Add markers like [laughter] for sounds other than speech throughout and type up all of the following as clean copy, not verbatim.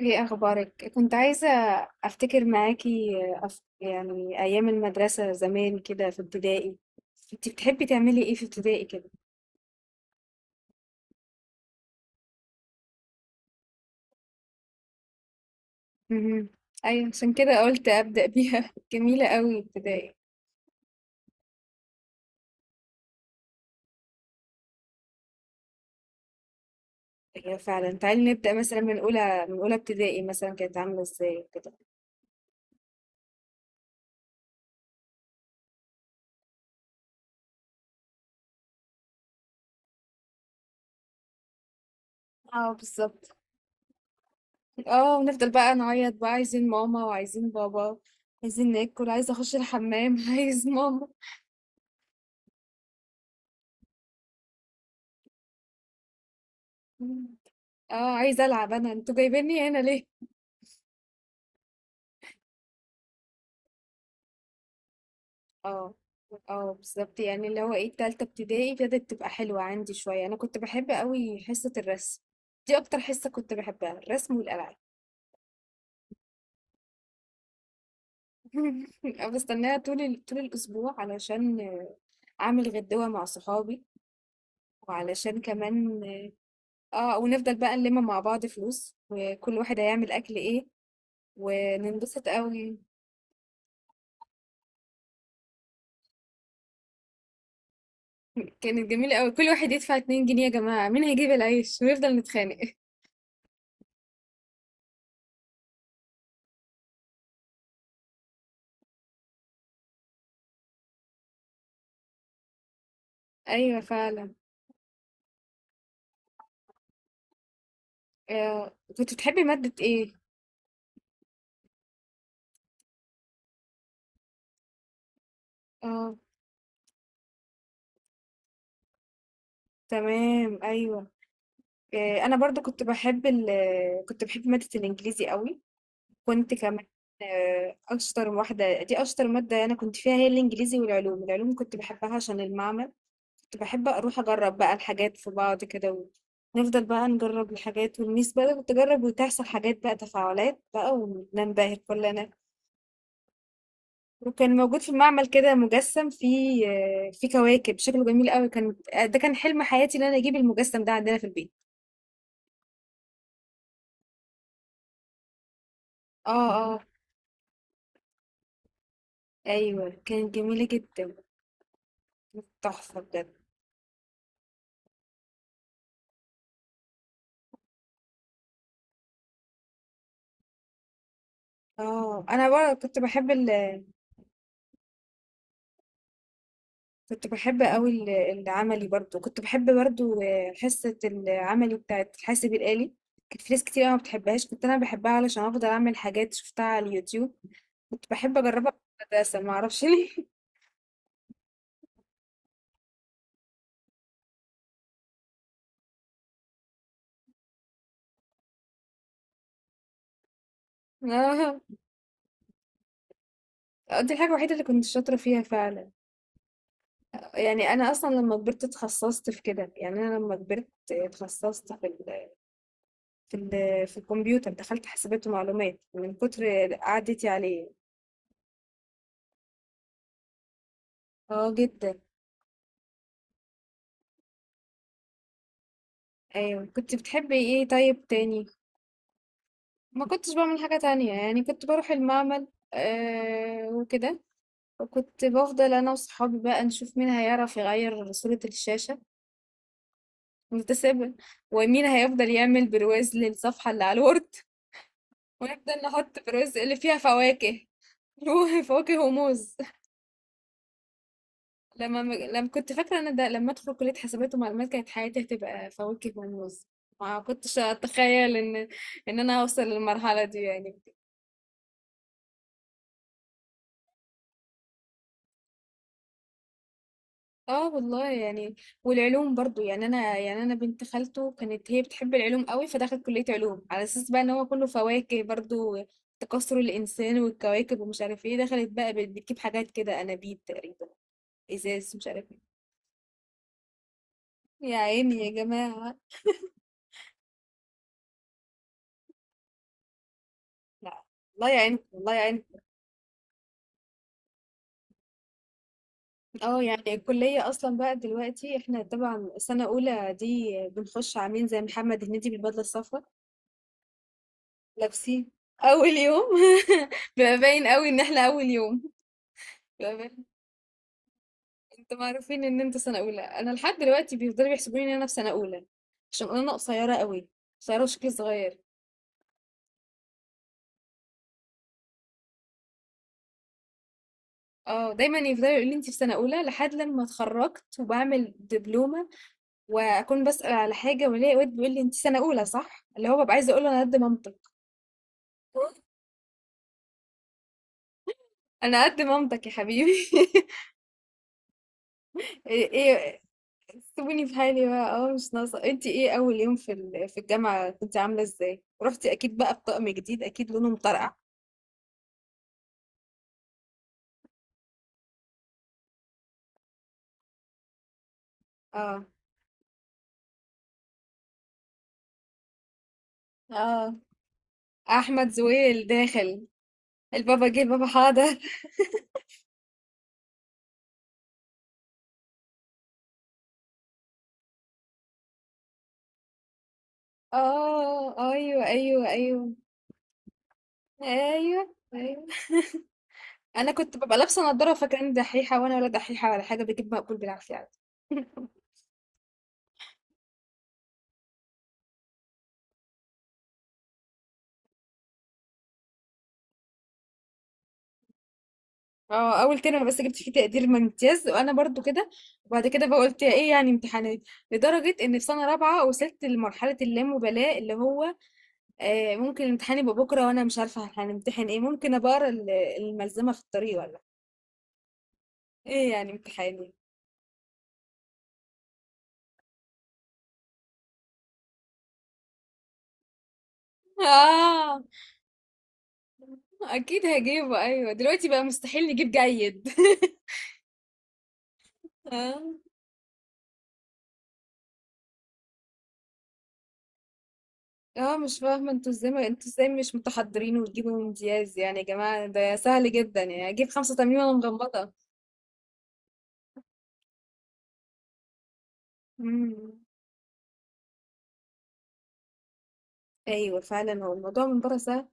ايه اخبارك، كنت عايزه افتكر معاكي. يعني ايام المدرسه زمان كده في ابتدائي. انت بتحبي تعملي ايه في ابتدائي كده؟ امم. ايوه، عشان كده قلت ابدا بيها. [laughs] جميله قوي ابتدائي. هي فعلا، تعالي نبدا مثلا من اولى ابتدائي، مثلا كانت عامله ازاي كده؟ اه، بالظبط. اه، ونفضل بقى نعيط بقى، عايزين ماما وعايزين بابا، عايزين ناكل، عايزه اخش الحمام. [laughs] عايز ماما. اه، عايزه العب، انا انتوا جايبيني هنا ليه؟ اه، اه بالظبط. يعني اللي هو ايه، التالتة ابتدائي بدأت تبقى حلوة عندي شوية. انا كنت بحب قوي حصة الرسم، دي اكتر حصة كنت بحبها، الرسم والالعاب. [laughs] بستناها طول طول الاسبوع علشان اعمل غدوة مع صحابي، وعلشان كمان اه ونفضل بقى نلم مع بعض فلوس، وكل واحد هيعمل اكل ايه، وننبسط قوي. [laughs] كانت جميلة قوي، كل واحد يدفع 2 جنيه يا جماعة، مين هيجيب العيش، ونفضل نتخانق. [laughs] ايوه فعلا. آه. كنت بتحبي مادة ايه؟ اه تمام، أيوه. أنا برضه كنت باحب مادة الإنجليزي أوي، كنت كمان أشطر واحدة، دي أشطر مادة أنا كنت فيها، هي الإنجليزي والعلوم. العلوم كنت باحبها عشان المعمل، كنت باحب أروح أجرّب بقى الحاجات في بعض كده، ونفضل بقى نجرّب الحاجات والميس بقى تجرّب وتحصل حاجات بقى تفاعلات بقى، وننبهر كلنا. وكان موجود في المعمل كده مجسّم فيه فيه كواكب، شكله جميل أوي. كان ده كان حلم حياتي إن أنا أجيب المجسّم ده عندنا في البيت. آه، آه. ايوه كانت جميله جدا، كانت تحفه بجد. اه، انا برضه كنت بحب قوي العملي، برضه كنت بحب برضه، حصه العملي بتاعت الحاسب الالي. كانت في ناس كتير قوي ما بتحبهاش، كنت انا بحبها علشان افضل اعمل حاجات شفتها على اليوتيوب، كنت بحب اجربها في المدرسه، ما اعرفش ليه. [laughs] اه، دي الحاجه الوحيده اللي كنت شاطره فيها فعلا. يعني انا اصلا لما كبرت اتخصصت في كده، يعني انا لما كبرت اتخصصت في في ال في الكمبيوتر، دخلت حاسبات ومعلومات من كتر قعدتي عليه. آه جدًا، أيوه. كنت بتحبي إيه طيب تاني؟ ما كنتش باعمل حاجة تانية، يعني كنت باروح المعمل وكده، وكنت بافضل أنا وصحابي بقى نشوف مين هيعرف يغيّر صورة الشاشة، نتسابق، ومين هيفضل يعمل برواز للصفحة اللي على الوورد، ونفضل نحط برواز اللي فيها فواكه. [laughs] فواكه وموز. لما كنت فاكرة أنا ده، لما أدخل كلية حسابات ومعلومات كانت حياتي هتبقى فواكه ونوز. ما كنتش أتخيل إن أنا أوصل للمرحلة دي يعني. اه والله يعني، والعلوم برضو يعني أنا بنت خالته كانت هي بتحب العلوم قوي، فدخلت كلية علوم على أساس بقى إن هو كله فواكه برضو. تكاثر الإنسان والكواكب ومش عارف ايه، دخلت بقى بتجيب حاجات كده، أنابيب تقريبا، إزاز، مش عارف ايه. يا عيني يا جماعة. لا، الله يعينكم الله يعين. اه، يعني الكلية أصلا بقى دلوقتي احنا طبعا سنة أولى دي بنخش عاملين زي محمد هنيدي بالبدلة الصفراء، لابسين أول يوم. [laughs] بيبقى باين قوي إن احنا أول يوم، بيبقى باين، انتوا معروفين إن انتوا سنة أولى. أنا لحد دلوقتي بيفضلوا يحسبوني إن أنا في سنة أولى، عشان أنا قصيرة قوي، قصيرة وشكلي صغير. اه، دايما يفضلوا يقولوا لي انت في سنة أولى، لحد لما اتخرجت وبعمل دبلومة، وأكون بسأل على حاجة وألاقي واد بيقول لي انت سنة أولى صح؟ اللي هو ببقى عايزة أقول له أنا قد مامتك، انا قد مامتك يا حبيبي. [laughs] ايه إيه، سيبوني في حالي بقى، مش ناقصه. انت ايه اول يوم في في الجامعه كنت عامله ازاي؟ رحتي اكيد بقى بطقم جديد، اكيد لونه مطرقع. اه اه، احمد زويل داخل، البابا جه البابا حاضر. اه ايوه ايوه ايوه. ايوه ايوه. انا كنت ببقى لابسه نضاره فاكره اني دحيحه، وانا ولا دحيحه ولا حاجه، بجيب مقبول بالعافيه عادي. [laughs] اه، اول ترم بس جبت فيه تقدير ممتاز، وانا برضو كده. وبعد كده بقى قلت ايه، يعني امتحانات، لدرجه ان في سنه رابعه وصلت لمرحله اللامبالاه، اللي هو ممكن الامتحان يبقى بكره وانا مش عارفه هنمتحن ايه، ممكن ابقى اقرا الملزمه في الطريق، ولا ايه يعني امتحاني. اه، اكيد هجيبه. ايوه، دلوقتي بقى مستحيل نجيب جيد. [laughs] اه اه، مش فاهمه انتوا ازاي مش متحضرين وتجيبوا امتياز يعني، يا جماعه ده سهل جدا، يعني اجيب 85 وانا مغمضه. مم. ايوه فعلا، هو الموضوع من بره سهل،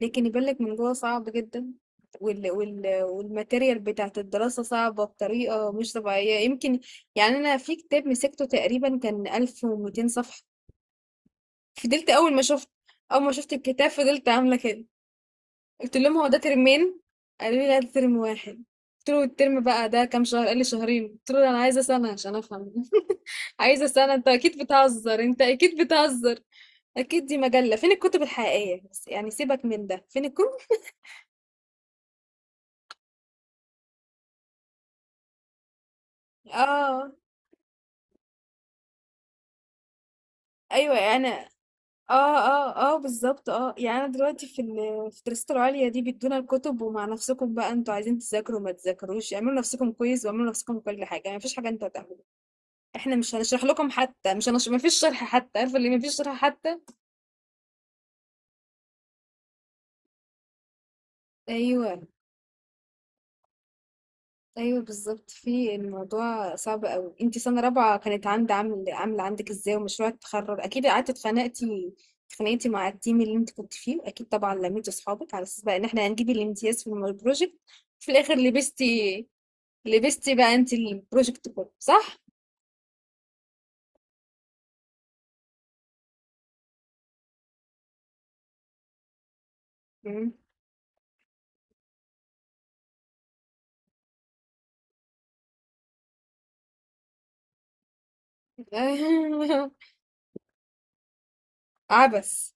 لكن يبان لك من جوه صعب جدا. وال والماتيريال بتاعت الدراسة صعبة بطريقة مش طبيعية، يمكن يعني أنا في كتاب مسكته تقريبا كان 1200 صفحة، فضلت أول ما شفت الكتاب فضلت عاملة كده، قلت لهم هو ده ترمين؟ قالوا لي لا ده ترم واحد، قلت له الترم بقى ده كام شهر؟ قال لي شهرين، قلت له أنا عايزة سنة عشان أفهم. [laughs] عايزة سنة، أنت أكيد بتهزر أنت أكيد بتهزر، اكيد دي مجلة، فين الكتب الحقيقية، بس يعني سيبك من ده، فين الكتب. اه ايوه، انا اه اه اه بالظبط. اه، يعني انا دلوقتي في في الدراسات العليا دي بيدونا الكتب، ومع نفسكم بقى، انتوا عايزين تذاكروا ما تذاكروش، اعملوا نفسكم كويس واعملوا نفسكم كل حاجة، يعني مفيش حاجة انتوا هتعملوها، احنا مش هنشرح لكم حتى، مش هنشرح، مفيش شرح حتى، عارفة اللي مفيش شرح حتى. ايوه، ايوه بالظبط، في الموضوع صعب قوي. انتي سنه رابعه كانت عند عامله عندك ازاي؟ ومشروع التخرج اكيد قعدتي اتخانقتي، اتخانقتي مع التيم اللي انت كنت فيه اكيد، طبعا لميتي اصحابك على اساس بقى ان احنا هنجيب الامتياز في البروجكت، في الاخر لبستي بقى انت البروجكت كله صح. مم. [laughs] عبس.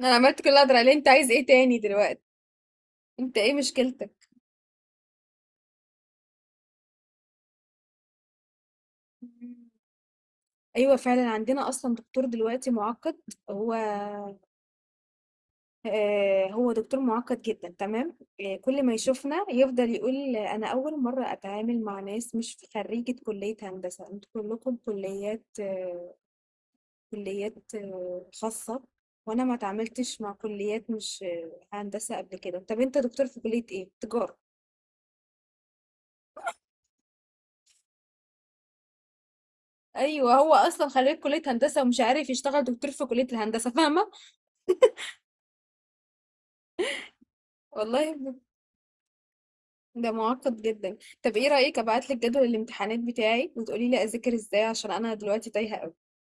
انا عملت كل اللي اقدر عليه، انت عايز ايه تاني دلوقتي؟ انت ايه مشكلتك؟ مم. ايوه فعلا عندنا اصلا دكتور دلوقتي معقد، هو هو دكتور مُعقّد جدًا، تمام. كل ما يشوفنا يفضل يقول أنا أول مرّة أتعامل مع ناس مش خرّيجة كُلّية هندسة، أنتم كلّكم كُلّيات خاصة وأنا ما اتعاملتش مع كُلّيات مش هندسة قبل كده، طَب أنت دكتور في كُلّية إيه؟ تجارة. أيوه هو أصلًا خرّيج كُلّية هندسة ومش عارف يشتغل دكتور في كُلّية الهندسة فاهمة، والله ب ده مُعقّد جدًا، طَب إيه رأيِك أبعت لِك جدول الامتحانات بتاعي وتقولي لي أذاكر إزاي، عشان أنا دلوقتي تايهة أوي.